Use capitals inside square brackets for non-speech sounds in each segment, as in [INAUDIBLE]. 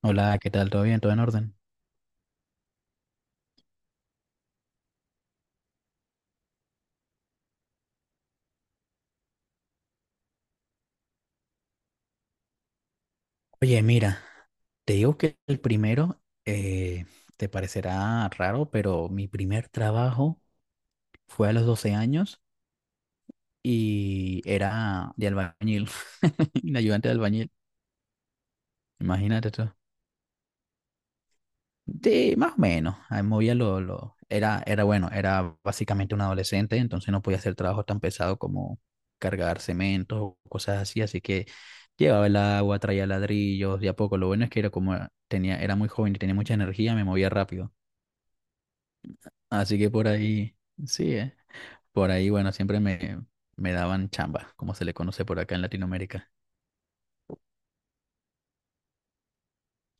Hola, ¿qué tal? ¿Todo bien? ¿Todo en orden? Oye, mira, te digo que el primero te parecerá raro, pero mi primer trabajo fue a los 12 años y era de albañil, [LAUGHS] de ayudante de albañil. Imagínate tú. Sí, más o menos. Ahí movía Era bueno, era básicamente un adolescente, entonces no podía hacer trabajo tan pesado como cargar cementos o cosas así, así que llevaba el agua, traía ladrillos, de a poco. Lo bueno es que era como tenía, era muy joven y tenía mucha energía, me movía rápido. Así que por ahí, sí, por ahí, bueno, siempre me daban chamba, como se le conoce por acá en Latinoamérica.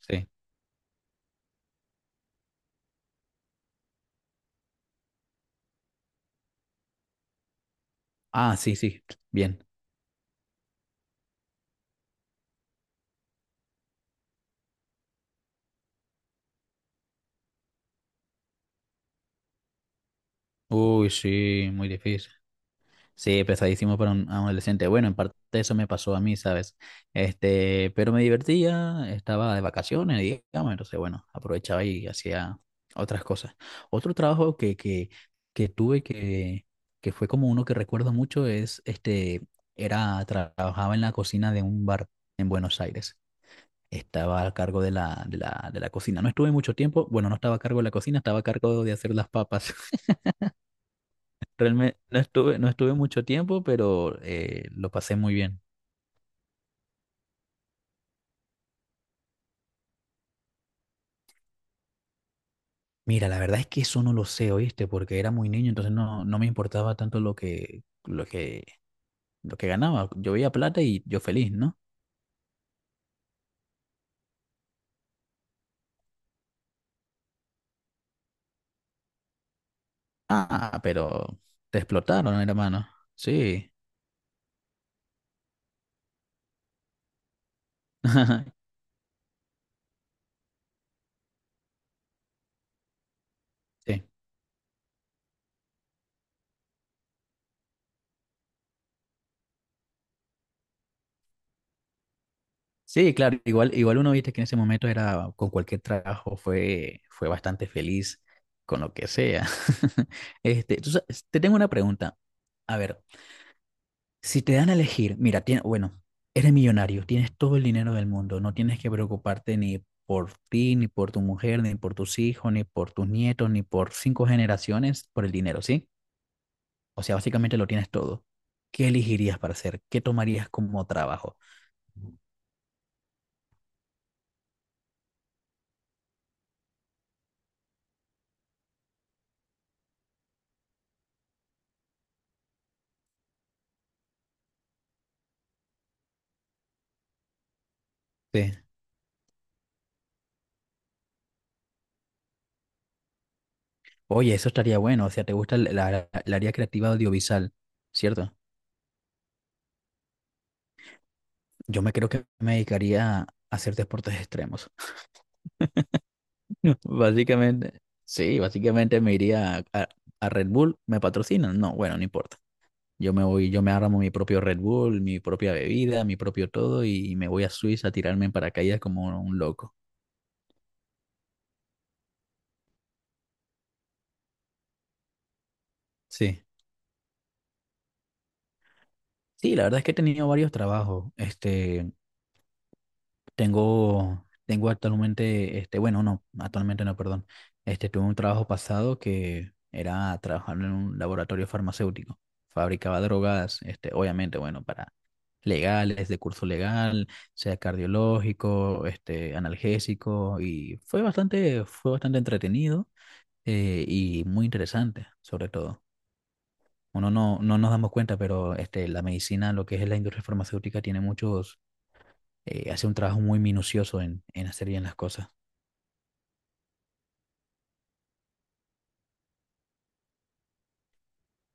Sí. Ah, sí, sí. Bien. Uy, sí, muy difícil. Sí, pesadísimo para un adolescente. Bueno, en parte eso me pasó a mí, ¿sabes? Este, pero me divertía, estaba de vacaciones, digamos, entonces, bueno, aprovechaba y hacía otras cosas. Otro trabajo que tuve que fue como uno que recuerdo mucho es, este, trabajaba en la cocina de un bar en Buenos Aires. Estaba a cargo de la cocina. No estuve mucho tiempo, bueno, no estaba a cargo de la cocina, estaba a cargo de hacer las papas. [LAUGHS] Realmente no estuve mucho tiempo, pero lo pasé muy bien. Mira, la verdad es que eso no lo sé, ¿oíste? Porque era muy niño, entonces no, no me importaba tanto lo que ganaba. Yo veía plata y yo feliz, ¿no? Ah, pero te explotaron, hermano. Sí. [LAUGHS] Sí. Sí, claro, igual uno viste que en ese momento era con cualquier trabajo fue bastante feliz con lo que sea. [LAUGHS] Este, te tengo una pregunta. A ver, si te dan a elegir, mira, bueno, eres millonario, tienes todo el dinero del mundo, no tienes que preocuparte ni por ti, ni por tu mujer, ni por tus hijos, ni por tus nietos, ni por cinco generaciones por el dinero, ¿sí? O sea, básicamente lo tienes todo. ¿Qué elegirías para hacer? ¿Qué tomarías como trabajo? Sí. Oye, eso estaría bueno. O sea, te gusta el, el área creativa audiovisual, ¿cierto? Yo me creo que me dedicaría a hacer deportes extremos. [LAUGHS] Básicamente, sí, básicamente me iría a Red Bull, ¿me patrocinan? No, bueno, no importa. Yo me voy, yo me armo mi propio Red Bull, mi propia bebida, mi propio todo y me voy a Suiza a tirarme en paracaídas como un loco. Sí. Sí, la verdad es que he tenido varios trabajos. Este, tengo actualmente, este, bueno, no, actualmente no, perdón. Este, tuve un trabajo pasado que era trabajar en un laboratorio farmacéutico. Fabricaba drogas, este, obviamente, bueno, para legales, de curso legal, sea cardiológico, este, analgésico, y fue bastante entretenido y muy interesante, sobre todo. Uno no nos damos cuenta, pero este, la medicina, lo que es la industria farmacéutica, tiene muchos, hace un trabajo muy minucioso en hacer bien las cosas.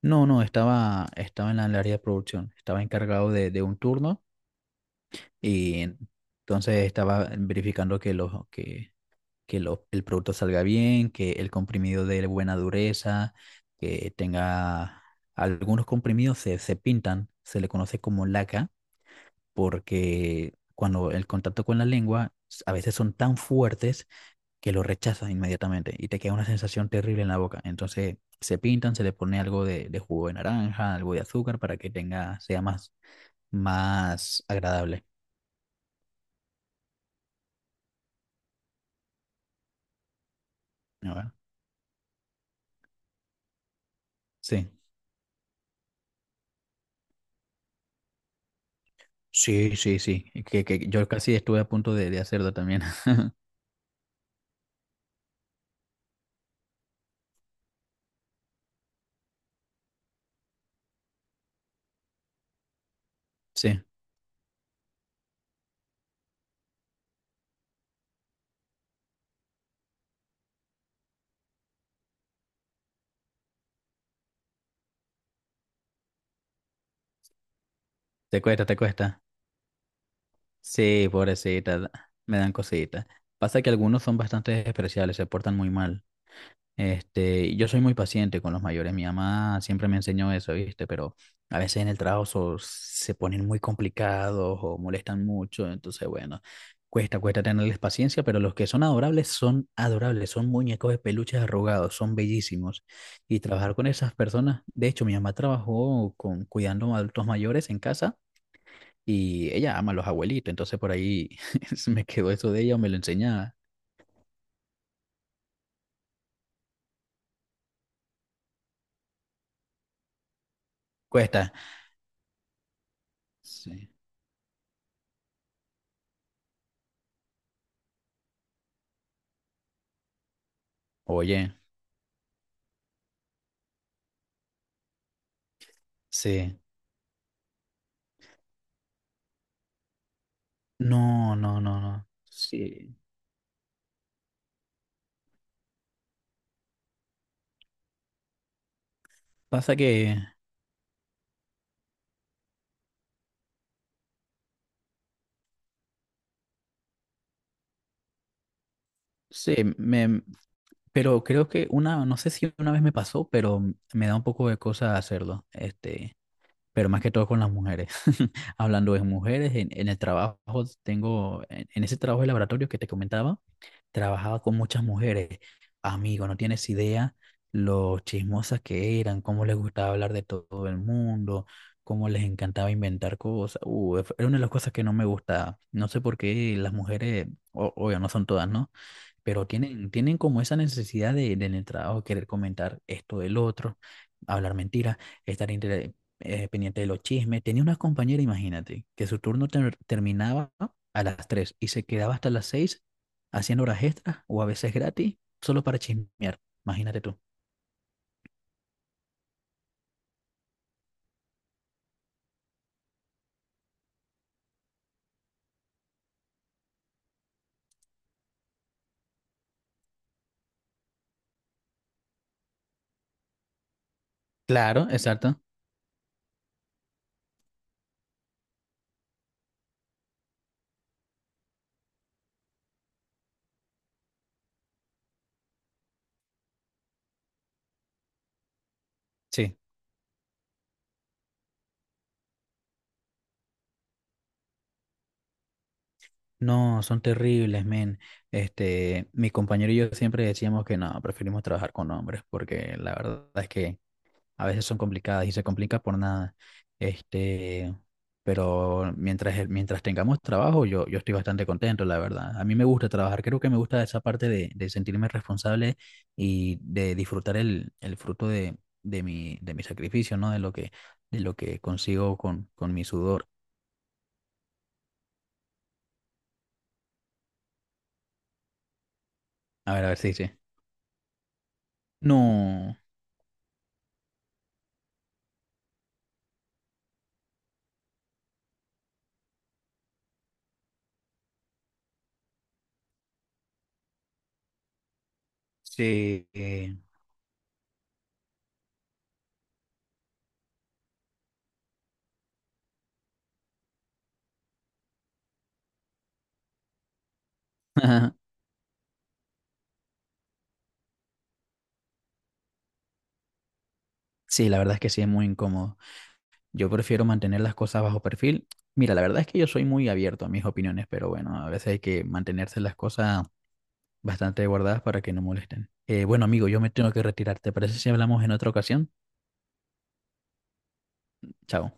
No, no, estaba el área de producción, estaba encargado de un turno y entonces estaba verificando que los, que lo- el producto salga bien, que el comprimido de buena dureza, que tenga algunos comprimidos se pintan, se le conoce como laca, porque cuando el contacto con la lengua a veces son tan fuertes que lo rechazas inmediatamente y te queda una sensación terrible en la boca. Entonces se pintan, se le pone algo de jugo de naranja, algo de azúcar para que tenga, sea más, más agradable. ¿No? Sí. Sí, sí, sí. Que yo casi estuve a punto de hacerlo también. [LAUGHS] Sí. Te cuesta, te cuesta. Sí, pobrecita, me dan cositas. Pasa que algunos son bastante especiales, se portan muy mal. Este, yo soy muy paciente con los mayores. Mi mamá siempre me enseñó eso, ¿viste? Pero a veces en el trabajo se ponen muy complicados o molestan mucho. Entonces, bueno, cuesta, cuesta tenerles paciencia, pero los que son adorables son adorables, son muñecos de peluches arrugados, son bellísimos. Y trabajar con esas personas, de hecho, mi mamá trabajó con, cuidando a adultos mayores en casa y ella ama a los abuelitos, entonces por ahí [LAUGHS] se me quedó eso de ella o me lo enseñaba. Cuesta. Sí. Oye, sí. No, no, no, no. Sí. Pasa que, sí, pero creo que una, no sé si una vez me pasó, pero me da un poco de cosa hacerlo, este, pero más que todo con las mujeres. [LAUGHS] Hablando de mujeres, en el trabajo tengo, en ese trabajo de laboratorio que te comentaba, trabajaba con muchas mujeres. Amigo, no tienes idea lo chismosas que eran, cómo les gustaba hablar de todo el mundo, cómo les encantaba inventar cosas. Era una de las cosas que no me gustaba. No sé por qué las mujeres, obvio, no son todas, ¿no? Pero tienen, tienen como esa necesidad de, en el trabajo querer comentar esto del otro, hablar mentiras, estar inter- pendiente de los chismes. Tenía una compañera, imagínate, que su turno terminaba a las 3 y se quedaba hasta las 6 haciendo horas extras o a veces gratis, solo para chismear. Imagínate tú. Claro, exacto. Sí. No, son terribles, men. Este, mi compañero y yo siempre decíamos que no, preferimos trabajar con hombres, porque la verdad es que a veces son complicadas y se complica por nada. Este, pero mientras, mientras tengamos trabajo, yo estoy bastante contento, la verdad. A mí me gusta trabajar, creo que me gusta esa parte de sentirme responsable y de disfrutar el fruto de mi sacrificio, ¿no? De lo que consigo con mi sudor. A ver si dice. No, sí. [LAUGHS] Sí, la verdad es que sí es muy incómodo. Yo prefiero mantener las cosas bajo perfil. Mira, la verdad es que yo soy muy abierto a mis opiniones, pero bueno, a veces hay que mantenerse las cosas bastante guardadas para que no molesten. Bueno, amigo, yo me tengo que retirar. ¿Te parece si hablamos en otra ocasión? Chao.